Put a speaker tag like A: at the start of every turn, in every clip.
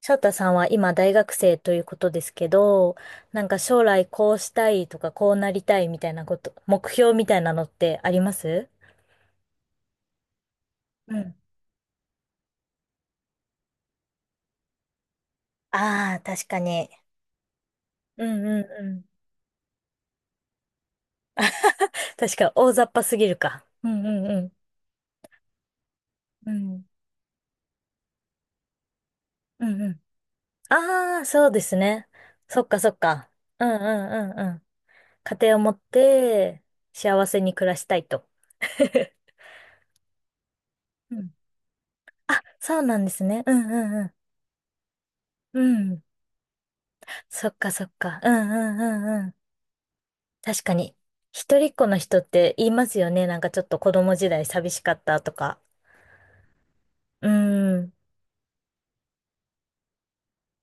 A: 翔太さんは今大学生ということですけど、なんか将来こうしたいとかこうなりたいみたいなこと、目標みたいなのってあります？うん。ああ、確かに。うんうんうん。確か大雑把すぎるか。うんうんうん。うん。うんうん。ああ、そうですね。そっかそっか。うんうんうんうん。家庭を持って幸せに暮らしたいと。うん。あ、そうなんですね。うんうんうん。うん。そっかそっか。うんうんうん。確かに。一人っ子の人って言いますよね。なんかちょっと子供時代寂しかったとか。うーん。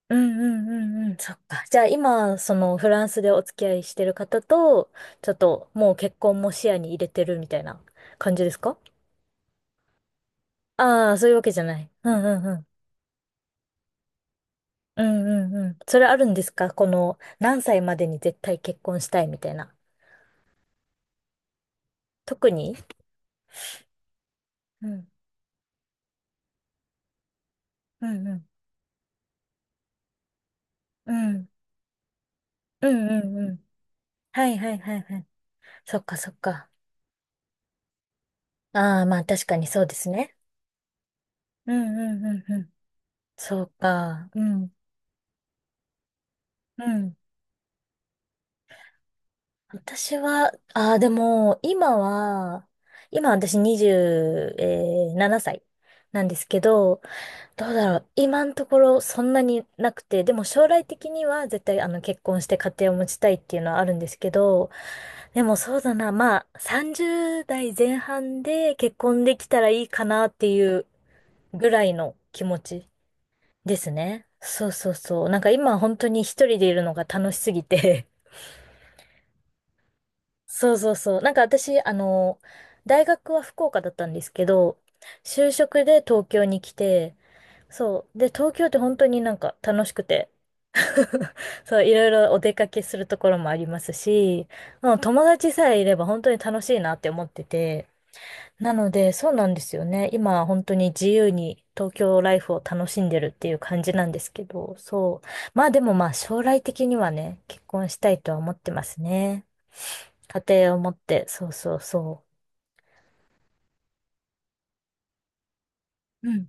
A: うんうんうんうん。そっか。じゃあ今、そのフランスでお付き合いしてる方と、ちょっともう結婚も視野に入れてるみたいな感じですか？ああー、そういうわけじゃない。うんうんうん。うんうんうん。それあるんですか？この何歳までに絶対結婚したいみたいな。特に。うん。うんうん。うん。うんうんうん。はいはいはいはい。そっかそっか。ああ、まあ確かにそうですね。うんうんうんうん。そうか。うんうん。私は、ああ、でも、今は、今私27歳ななさいなんですけど、どうだろう。今のところそんなになくて、でも将来的には絶対結婚して家庭を持ちたいっていうのはあるんですけど、でもそうだな、まあ30代前半で結婚できたらいいかなっていうぐらいの気持ちですね。そうそうそう。なんか今本当に一人でいるのが楽しすぎて。 そうそうそう。なんか私、大学は福岡だったんですけど、就職で東京に来て、そう。で、東京って本当になんか楽しくて。 そう、いろいろお出かけするところもありますし、もう友達さえいれば本当に楽しいなって思ってて、なので、そうなんですよね。今、本当に自由に東京ライフを楽しんでるっていう感じなんですけど、そう。まあでもまあ将来的にはね、結婚したいとは思ってますね。家庭を持って、そうそうそう。うん。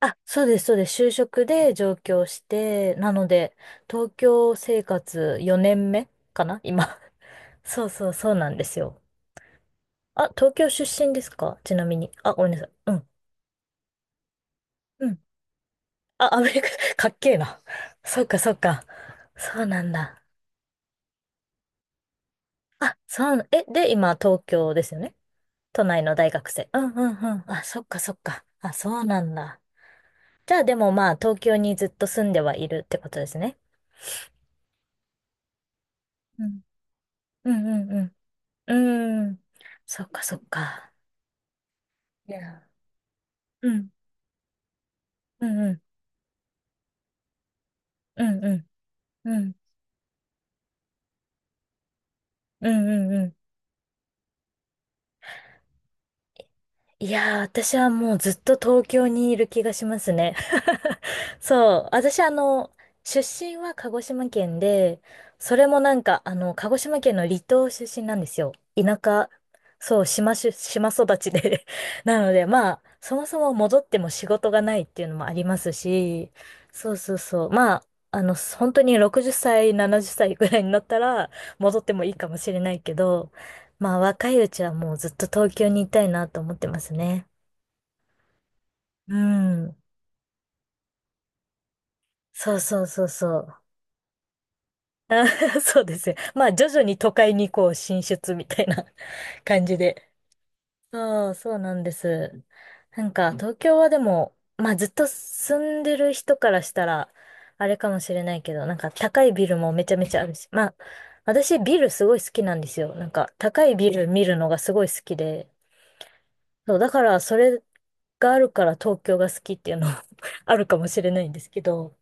A: あ、そうです、そうです。就職で上京して、なので、東京生活4年目かな今。そうそう、そうなんですよ。あ、東京出身ですか？ちなみに。あ、ごめんなさい。うん。あ、アメリカ、かっけえな。そっかそっか。そうなんだ。あ、そう、で、今、東京ですよね。都内の大学生。うんうんうん。あ、そっかそっか。あ、そうなんだ。じゃあ、でもまあ、東京にずっと住んではいるってことですね。うん。うんうんうん。うーん。そっかそっか。いや。うん。うんうん。うんうん。うん。うんうんうん。いやー、私はもうずっと東京にいる気がしますね。そう、私出身は鹿児島県で、それもなんか、鹿児島県の離島出身なんですよ。田舎、そう、島育ちで。 なので、まあ、そもそも戻っても仕事がないっていうのもありますし、そうそうそう。まあ、本当に60歳、70歳ぐらいになったら戻ってもいいかもしれないけど、まあ若いうちはもうずっと東京にいたいなと思ってますね。うん。そうそうそうそう。あ。 そうですよ。まあ徐々に都会にこう進出みたいな。 感じで。そう、そうなんです。なんか東京はでも、まあずっと住んでる人からしたら、あれかもしれないけど、なんか高いビルもめちゃめちゃあるし、まあ私ビルすごい好きなんですよ。なんか高いビル見るのがすごい好きで。そう、だからそれがあるから東京が好きっていうのは、 あるかもしれないんですけど、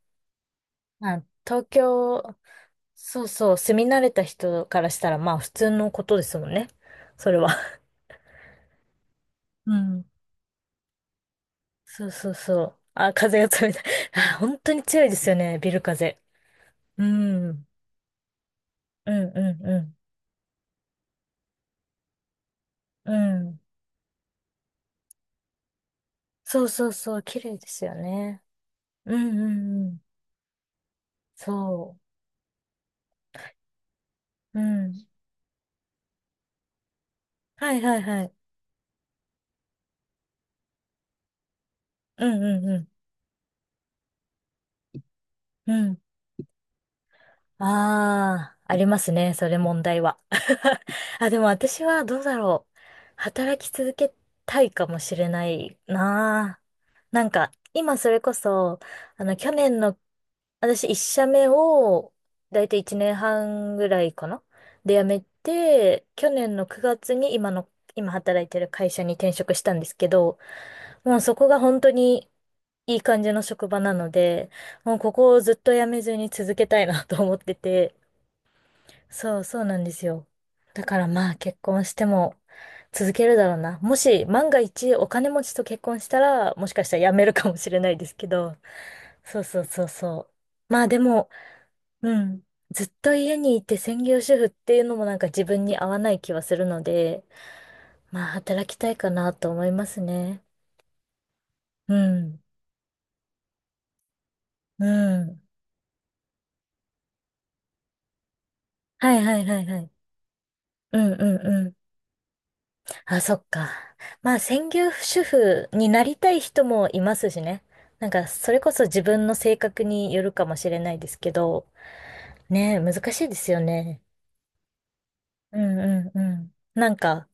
A: まあ、東京、そうそう、住み慣れた人からしたらまあ普通のことですもんね。それは。うん。そうそうそう。あ、風が冷たい。あ、本当に強いですよね、ビル風。うん。うんうんうん。うん。そうそうそう、綺麗ですよね。うんうんうん。そう。うん。はいはいはい。うんうんうん。うん。ああ、ありますね。それ問題は。あ、でも私はどうだろう。働き続けたいかもしれないなあ。なんか、今それこそ、去年の、私一社目を、だいたい1年半ぐらいかなで辞めて、去年の9月に今の、今働いてる会社に転職したんですけど、もうそこが本当にいい感じの職場なので、もうここをずっとやめずに続けたいなと思ってて。そう、そうなんですよ。だからまあ結婚しても続けるだろうな。もし万が一お金持ちと結婚したら、もしかしたら辞めるかもしれないですけど。そうそうそうそう。まあでも、うん。ずっと家にいて専業主婦っていうのもなんか自分に合わない気はするので、まあ働きたいかなと思いますね。うん。うん。はいはいはいはい。うんうんうん。あ、そっか。まあ、専業主婦になりたい人もいますしね。なんか、それこそ自分の性格によるかもしれないですけど、ねえ、難しいですよね。うんうんうん。なんか、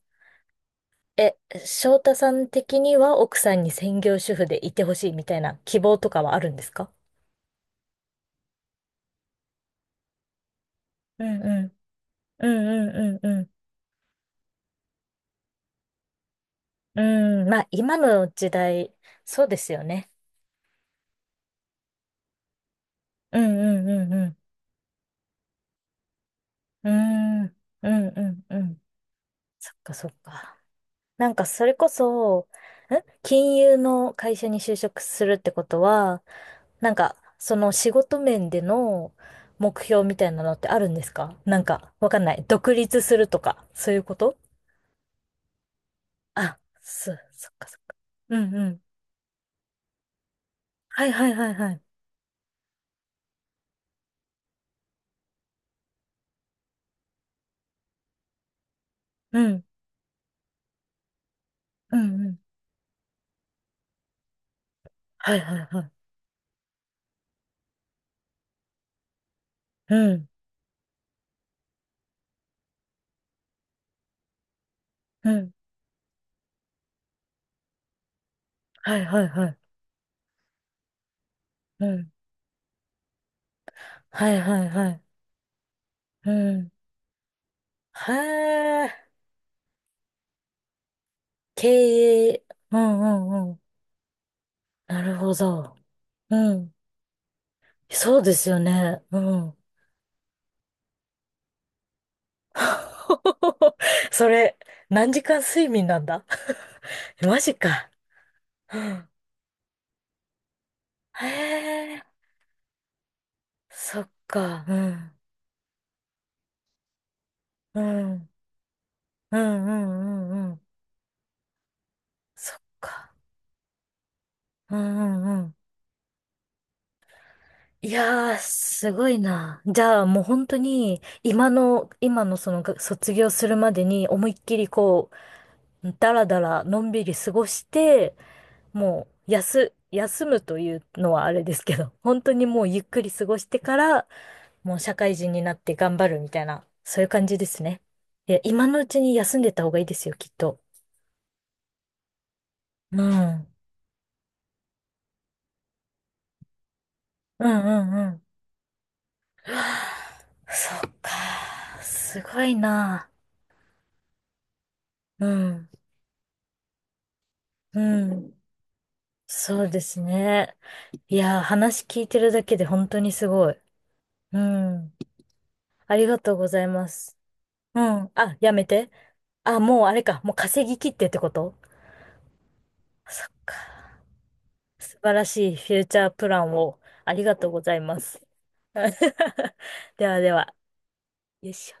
A: え、翔太さん的には奥さんに専業主婦でいてほしいみたいな希望とかはあるんですか？うんうん。うんうんうんうん。うん、まあ、今の時代、そうですよね。うんうんうんうん。うーん、うんうんうん。そっかそっか。なんかそれこそ、ん金融の会社に就職するってことは、なんかその仕事面での目標みたいなのってあるんですか？なんかわかんない。独立するとか、そういうこと。あ、そっかそっか。うんうん。はいはいはいはい。うん。うんうん。はいはいはい。うん。うん。はいはいはい。うん。はいはいはい。うん。へえ。経営。うんうんうん。なるほど。うん。そうですよね。うん。それ、何時間睡眠なんだ。 マジか。うん。へえ、そっか。うん。うん。うんうんうんうん。そっか。うんうんうん。いやー、すごいな。じゃあもう本当に、今のそのが卒業するまでに思いっきりこう、だらだらのんびり過ごして、もう、休むというのはあれですけど、本当にもうゆっくり過ごしてから、もう社会人になって頑張るみたいな、そういう感じですね。いや、今のうちに休んでた方がいいですよ、きっと。うん。うんうんうん。そっか。すごいな。うん。うん。そうですね。いや、話聞いてるだけで本当にすごい。うん。ありがとうございます。うん。あ、やめて。あ、もうあれか。もう稼ぎ切ってってこと？そっか。素晴らしいフューチャープランを。ありがとうございます。ではでは、よいしょ。